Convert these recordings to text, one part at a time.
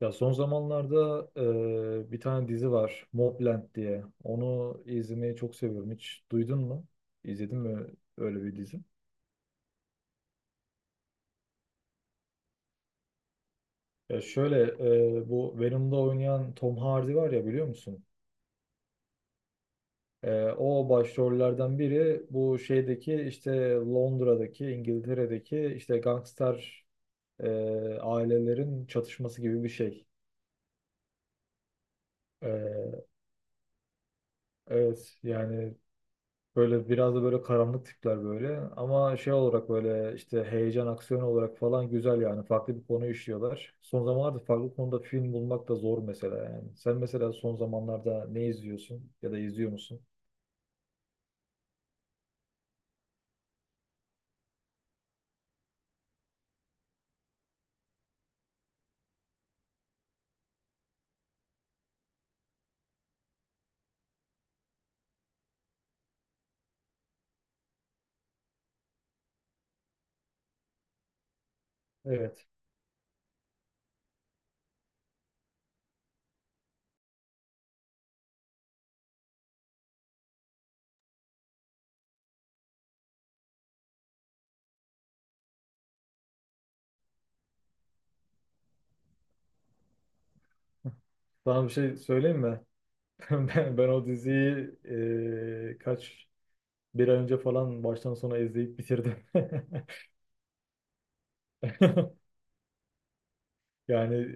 Ya son zamanlarda bir tane dizi var, Mobland diye. Onu izlemeyi çok seviyorum. Hiç duydun mu? İzledin mi öyle bir dizi? Ya şöyle bu Venom'da oynayan Tom Hardy var ya, biliyor musun? E, o başrollerden biri bu şeydeki, işte Londra'daki, İngiltere'deki işte gangster e, ailelerin çatışması gibi bir şey. E, evet yani. Böyle biraz da böyle karanlık tipler böyle. Ama şey olarak böyle işte heyecan, aksiyon olarak falan güzel yani. Farklı bir konu işliyorlar. Son zamanlarda farklı konuda film bulmak da zor mesela yani. Sen mesela son zamanlarda ne izliyorsun ya da izliyor musun? Evet. Sana bir şey söyleyeyim mi? Ben o diziyi e, kaç bir ay önce falan baştan sona izleyip bitirdim. Yani.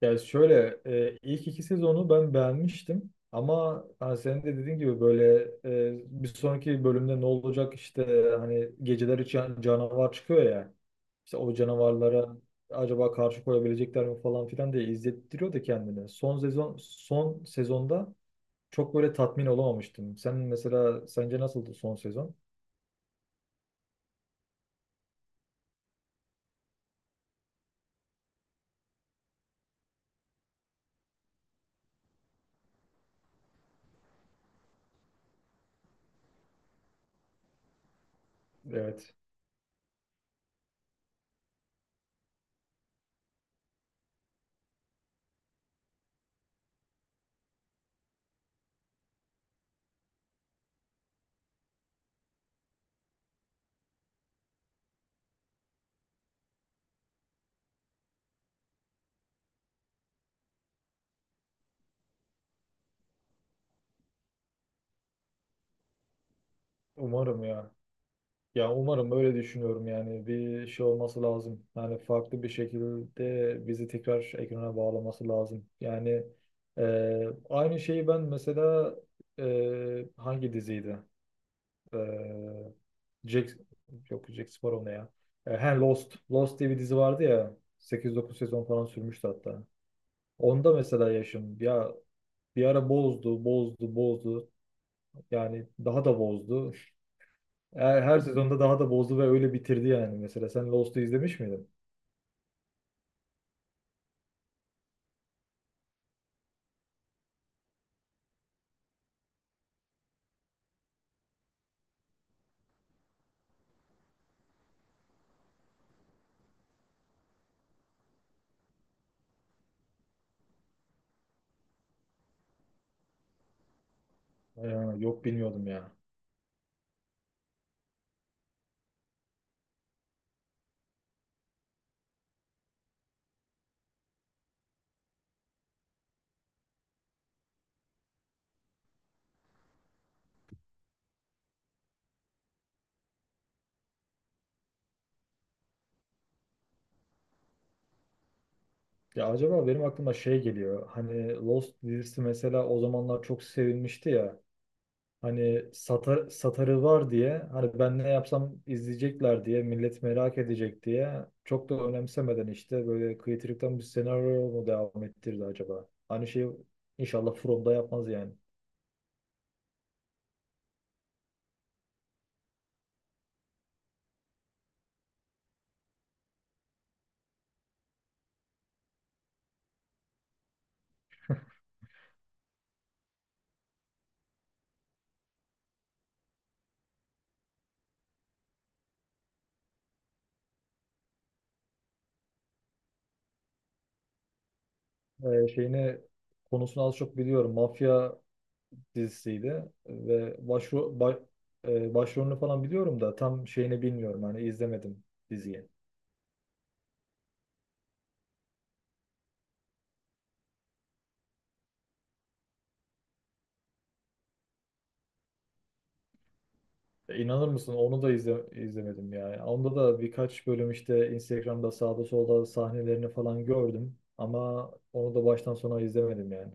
Ya şöyle, ilk iki sezonu ben beğenmiştim, ama hani senin de dediğin gibi böyle bir sonraki bölümde ne olacak, işte hani geceler için canavar çıkıyor ya, işte o canavarlara acaba karşı koyabilecekler mi falan filan diye izlettiriyor da kendini. Son sezonda çok böyle tatmin olamamıştım. Sen mesela sence nasıldı son sezon? Evet. Umarım ya. Ya umarım, öyle düşünüyorum yani, bir şey olması lazım. Yani farklı bir şekilde bizi tekrar ekrana bağlaması lazım. Yani e, aynı şeyi ben mesela. Hangi diziydi? E, Jack, yok Jack Sparrow ne ya? Lost. Lost diye bir dizi vardı ya. 8-9 sezon falan sürmüştü hatta. Onda mesela yaşım ya, bir ara bozdu, bozdu, bozdu. Yani daha da bozdu. Her sezonda daha da bozdu ve öyle bitirdi yani. Mesela sen Lost'u izlemiş miydin? Ya, yok bilmiyordum ya. Ya acaba benim aklıma şey geliyor. Hani Lost dizisi mesela o zamanlar çok sevilmişti ya. Hani satar, satarı var diye, hani ben ne yapsam izleyecekler diye, millet merak edecek diye, çok da önemsemeden işte böyle kıytırıktan bir senaryo mu devam ettirdi acaba? Aynı şeyi inşallah From'da yapmaz yani. Şeyini, konusunu az çok biliyorum. Mafya dizisiydi ve başrolünü falan biliyorum da tam şeyini bilmiyorum, hani izlemedim diziyi. E, İnanır mısın, onu da izlemedim yani. Onda da birkaç bölüm işte Instagram'da sağda solda sahnelerini falan gördüm, ama onu da baştan sona izlemedim yani.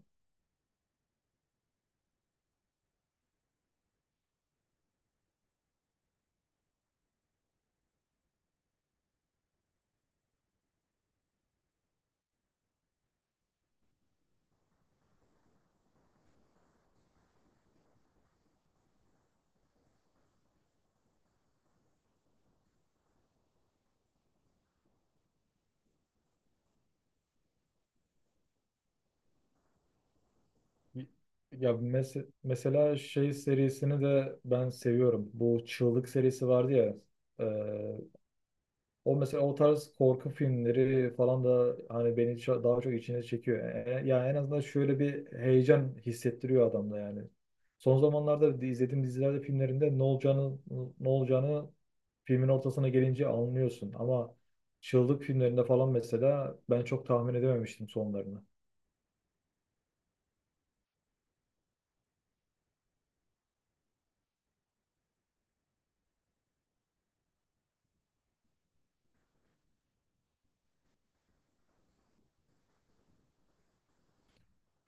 Mesela şey serisini de ben seviyorum. Bu Çığlık serisi vardı ya. e, O mesela, o tarz korku filmleri falan da hani beni daha çok içine çekiyor. Yani en azından şöyle bir heyecan hissettiriyor adamda yani. Son zamanlarda izlediğim dizilerde, filmlerinde ne olacağını filmin ortasına gelince anlıyorsun. Ama Çığlık filmlerinde falan mesela ben çok tahmin edememiştim sonlarını.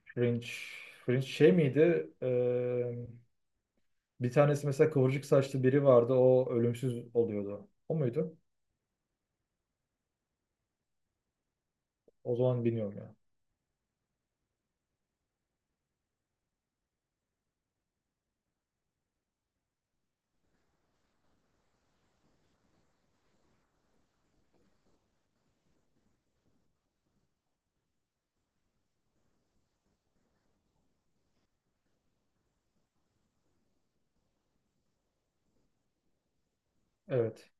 Fringe, Fringe şey miydi? Bir tanesi mesela kıvırcık saçlı biri vardı. O ölümsüz oluyordu. O muydu? O zaman bilmiyorum ya. Evet.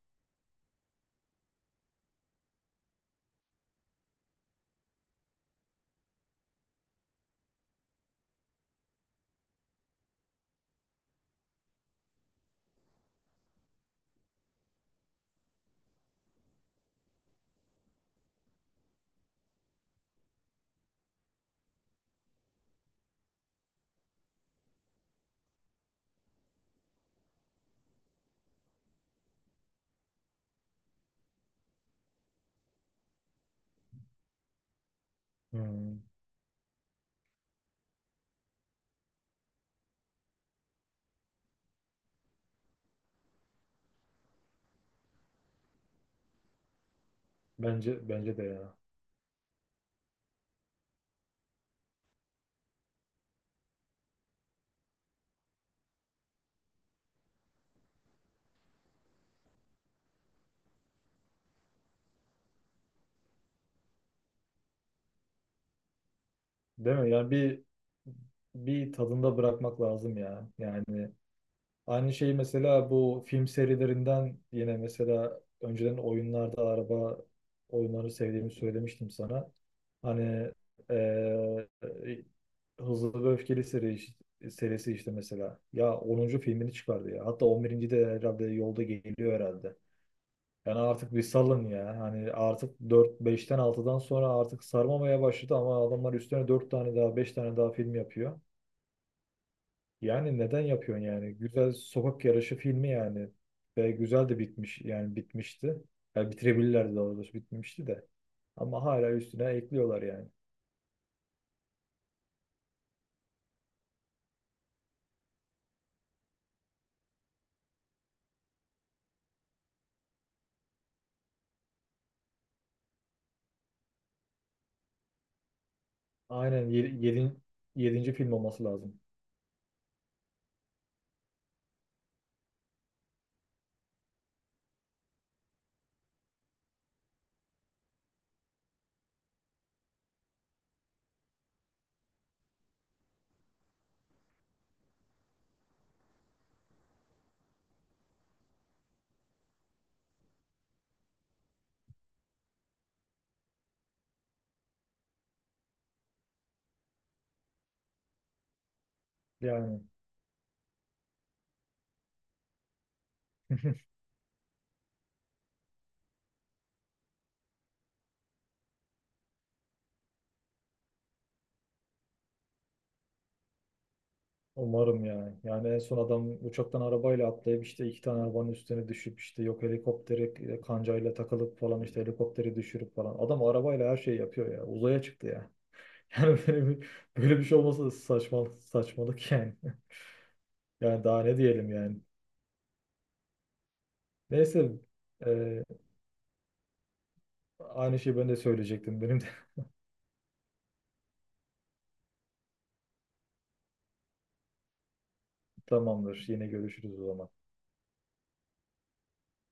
Hmm. Bence de ya. Değil mi? Bir tadında bırakmak lazım ya. Yani aynı şeyi mesela bu film serilerinden, yine mesela önceden oyunlarda araba oyunları sevdiğimi söylemiştim sana. Hani eee Hızlı ve Öfkeli serisi işte mesela. Ya onuncu filmini çıkardı ya. Hatta 11. de herhalde yolda geliyor herhalde. Yani artık bir salın ya. Hani artık dört beşten altıdan sonra artık sarmamaya başladı, ama adamlar üstüne 4 tane daha, 5 tane daha film yapıyor. Yani neden yapıyorsun yani? Güzel sokak yarışı filmi yani. Ve güzel de bitmiş yani, bitmişti. Yani bitirebilirlerdi, daha doğrusu bitmişti de. Ama hala üstüne ekliyorlar yani. Aynen 7. yedinci film olması lazım. Yani. Umarım yani. Yani en son adam uçaktan arabayla atlayıp işte iki tane arabanın üstüne düşüp, işte yok helikoptere kancayla takılıp falan, işte helikopteri düşürüp falan. Adam arabayla her şeyi yapıyor ya. Uzaya çıktı ya. Yani böyle bir, böyle bir şey olmasa saçmalık, saçmalık yani. Yani daha ne diyelim yani. Neyse e, aynı şeyi ben de söyleyecektim. Benim de. Tamamdır. Yine görüşürüz o zaman.